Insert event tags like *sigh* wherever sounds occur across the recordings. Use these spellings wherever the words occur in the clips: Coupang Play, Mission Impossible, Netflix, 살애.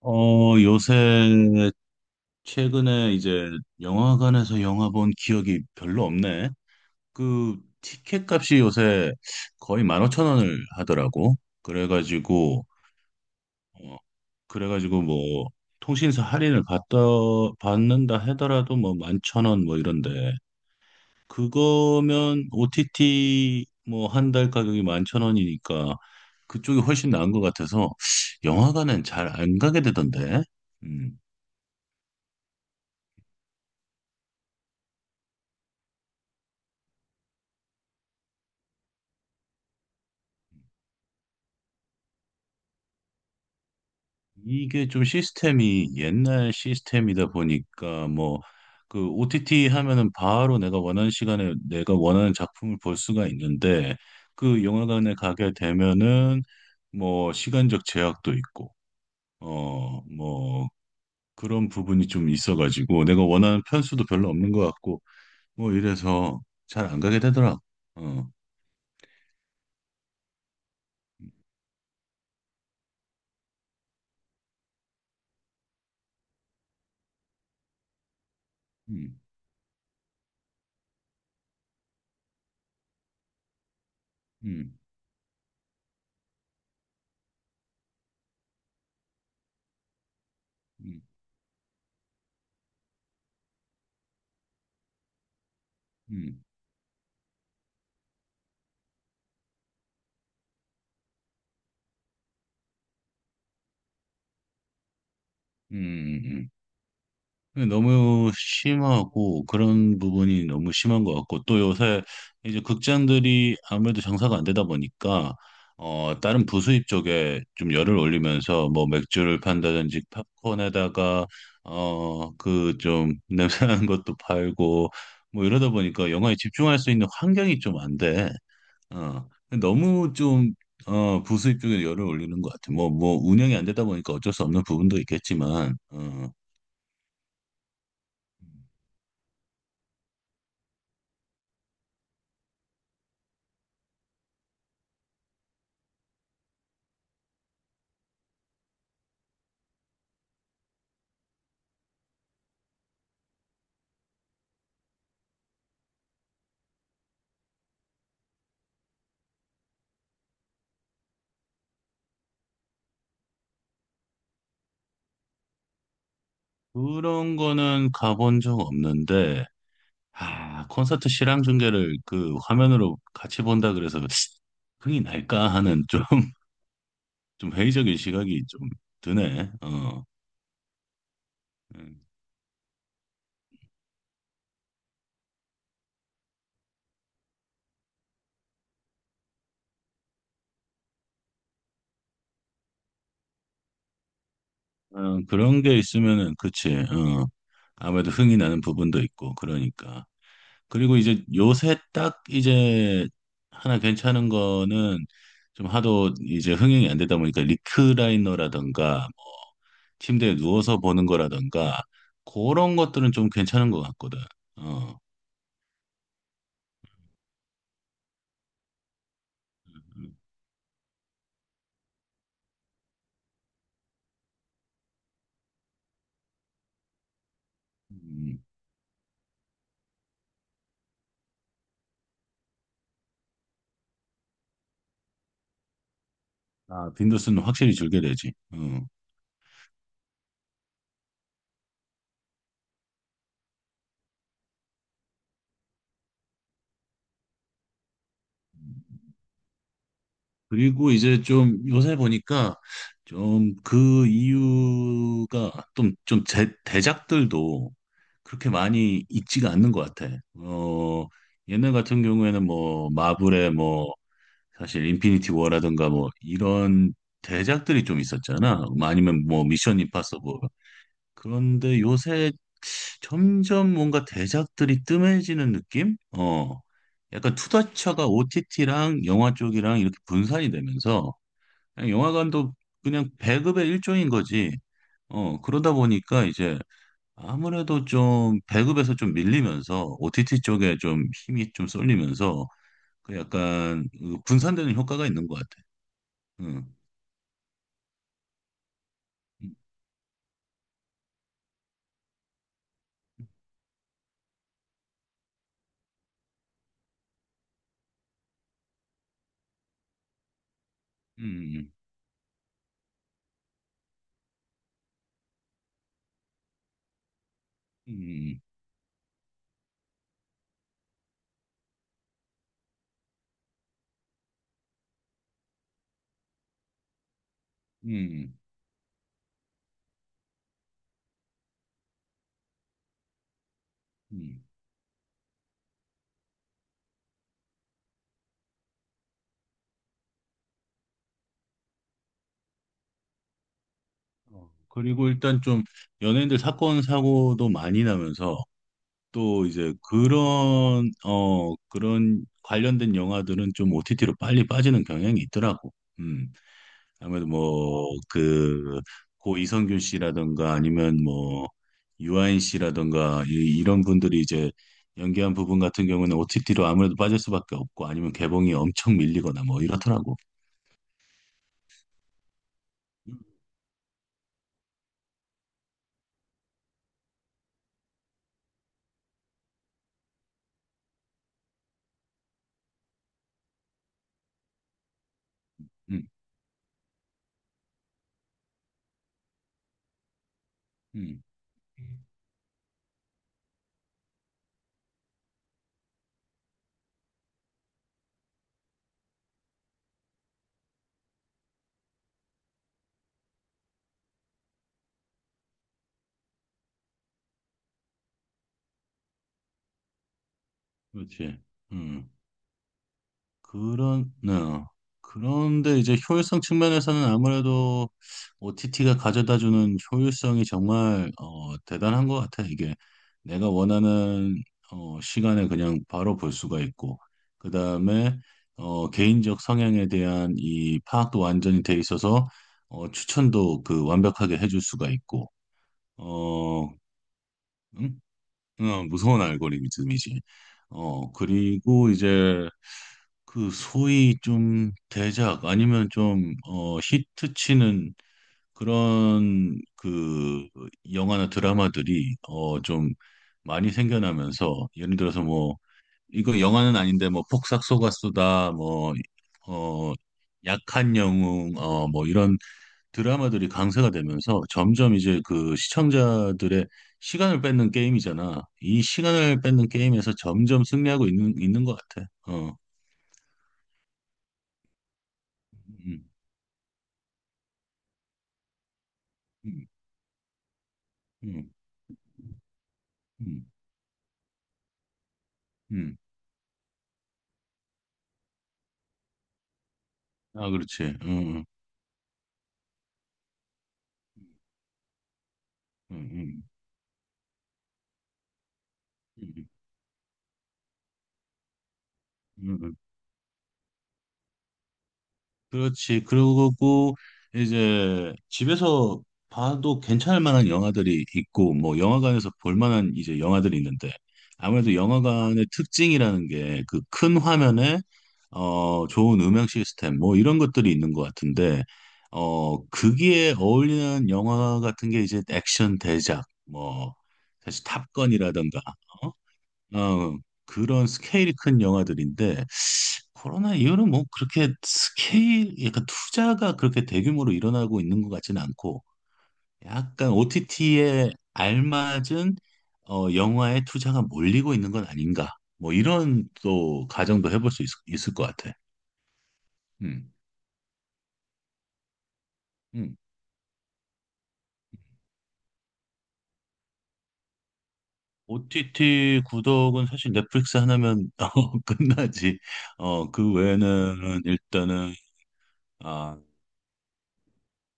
요새 최근에 이제 영화관에서 영화 본 기억이 별로 없네. 그 티켓 값이 요새 거의 15,000원을 하더라고. 그래가지고 어, 그래가지고 뭐 통신사 할인을 받다 받는다 하더라도 뭐 11,000원 뭐 이런데, 그거면 OTT 뭐 한 달 가격이 11,000원이니까 그쪽이 훨씬 나은 것 같아서 영화관은 잘 안 가게 되던데. 음. 이게 좀 시스템이 옛날 시스템이다 보니까, 뭐 그 OTT 하면은 바로 내가 원하는 시간에 내가 원하는 작품을 볼 수가 있는데, 그 영화관에 가게 되면은 뭐 시간적 제약도 있고 뭐 그런 부분이 좀 있어가지고, 내가 원하는 편수도 별로 없는 것 같고 뭐 이래서 잘 안 가게 되더라. 어. 음. 음. 음. 음. 음. 음. 음. 너무 심하고, 그런 부분이 너무 심한 것 같고, 또 요새 이제 극장들이 아무래도 장사가 안 되다 보니까 다른 부수입 쪽에 좀 열을 올리면서, 뭐 맥주를 판다든지, 팝콘에다가 그 좀 *laughs* 냄새나는 것도 팔고 뭐 이러다 보니까 영화에 집중할 수 있는 환경이 좀 안 돼. 어 너무 좀 부수입 쪽에 열을 올리는 것 같아. 뭐 운영이 안 되다 보니까 어쩔 수 없는 부분도 있겠지만. 어. 그런 거는 가본 적 없는데, 아, 콘서트 실황 중계를 그 화면으로 같이 본다 그래서 흥이 날까 하는 좀, *laughs* 좀 회의적인 시각이 좀 드네. 어, 음, 어, 그런 게 있으면은, 그치. 어, 아무래도 흥이 나는 부분도 있고, 그러니까. 그리고 이제 요새 딱 이제 하나 괜찮은 거는, 좀 하도 이제 흥행이 안 되다 보니까 리크라이너라던가 침대에 누워서 보는 거라던가, 그런 것들은 좀 괜찮은 것 같거든. 어. 음, 아, 빈도수는 확실히 줄게 되지. 어. 그리고 이제 좀 요새 보니까 좀 그 이유가 좀, 대작들도 그렇게 많이 있지가 않는 것 같아. 어, 옛날 같은 경우에는 뭐 마블의 뭐 사실 인피니티 워라든가 뭐 이런 대작들이 좀 있었잖아. 뭐 아니면 뭐 미션 임파서블. 그런데 요새 점점 뭔가 대작들이 뜸해지는 느낌? 어, 약간 투자처가 OTT랑 영화 쪽이랑 이렇게 분산이 되면서 그냥 영화관도 그냥 배급의 일종인 거지. 어, 그러다 보니까 이제 아무래도 좀 배급에서 좀 밀리면서 OTT 쪽에 좀 힘이 좀 쏠리면서 그 약간 그 분산되는 효과가 있는 것 같아. 응. 음, 음, 음, 음, 음. 음, 음. 어, 그리고 일단 좀 연예인들 사건 사고도 많이 나면서 또 이제 그런 그런 관련된 영화들은 좀 OTT로 빨리 빠지는 경향이 있더라고. 음. 아무래도 뭐 그 고 이성균 씨라든가 아니면 뭐 유아인 씨라든가 이런 분들이 이제 연기한 부분 같은 경우는 OTT로 아무래도 빠질 수밖에 없고, 아니면 개봉이 엄청 밀리거나 뭐 이렇더라고. 음, 음, 음. 그렇지. 음. 그런, 네. 그런데 이제 효율성 측면에서는 아무래도 OTT가 가져다주는 효율성이 정말 어, 대단한 것 같아. 이게 내가 원하는 어, 시간에 그냥 바로 볼 수가 있고, 그 다음에 어, 개인적 성향에 대한 이 파악도 완전히 돼 있어서 어, 추천도 그 완벽하게 해줄 수가 있고, 어, 응? 어, 무서운 알고리즘이지. 어, 그리고 이제 그 소위 좀 대작 아니면 좀 어, 히트 치는 그런 그 영화나 드라마들이 어, 좀 많이 생겨나면서 예를 들어서 뭐 이거 영화는 아닌데 뭐 폭삭 속았수다 뭐 어, 약한 영웅 어, 뭐 이런 드라마들이 강세가 되면서 점점 이제 그 시청자들의 시간을 뺏는 게임이잖아. 이 시간을 뺏는 게임에서 점점 승리하고 있는 것 같아. 어. 음, 음, 음, 음, 음. 아, 그렇지. 음, 음, 음, 음, 음. 그렇지. 그러고 이제 집에서 봐도 괜찮을 만한 영화들이 있고 뭐 영화관에서 볼 만한 이제 영화들이 있는데, 아무래도 영화관의 특징이라는 게 그 큰 화면에 좋은 음향 시스템 뭐 이런 것들이 있는 것 같은데 거기에 어울리는 영화 같은 게 이제 액션 대작 뭐 사실 탑건이라든가 어? 어, 그런 스케일이 큰 영화들인데 코로나 이후로는 뭐 그렇게 스케일 약간 투자가 그렇게 대규모로 일어나고 있는 것 같지는 않고 약간 OTT에 알맞은 어, 영화의 투자가 몰리고 있는 건 아닌가 뭐 이런 또 가정도 해볼 수 있을 것 같아. 음, 음. OTT 구독은 사실 넷플릭스 하나면 *laughs* 어, 끝나지. 어, 그 외에는 일단은 아,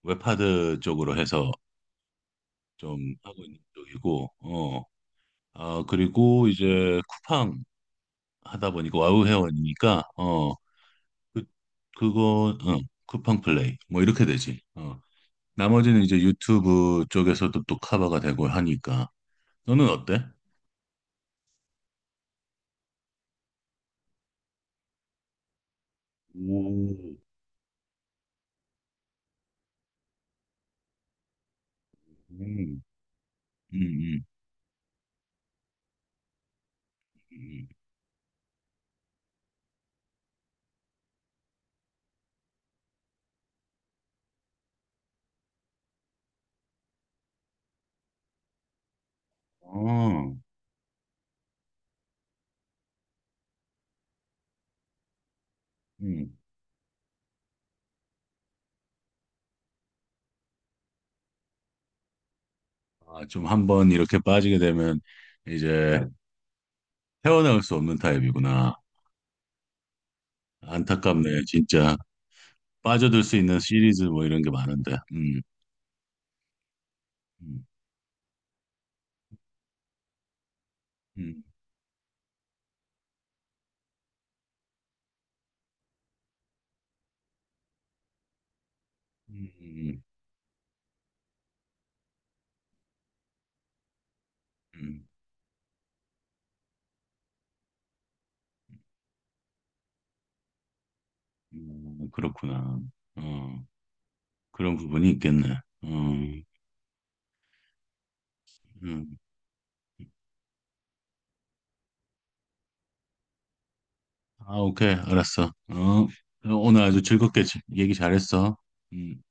웹하드 쪽으로 해서 좀 하고 있는 쪽이고, 어, 아, 그리고 이제 쿠팡 하다 보니까 와우 회원이니까, 어, 그, 그거, 어, 쿠팡 플레이, 뭐 이렇게 되지. 어, 나머지는 이제 유튜브 쪽에서도 또 커버가 되고 하니까. 너는 어때? 오, 음, 음, 음, 음. 어, 음. 아, 좀 한번 이렇게 빠지게 되면 이제 헤어나올 수 없는 타입이구나. 안타깝네, 진짜. 빠져들 수 있는 시리즈 뭐 이런 게 많은데. 음. 음, 음, 음, 음, 그렇구나. 어, 그런 부분이 있겠네. 어, 음. 아, 오케이. 알았어. 어, 오늘 아주 즐겁게 얘기 잘했어. 음.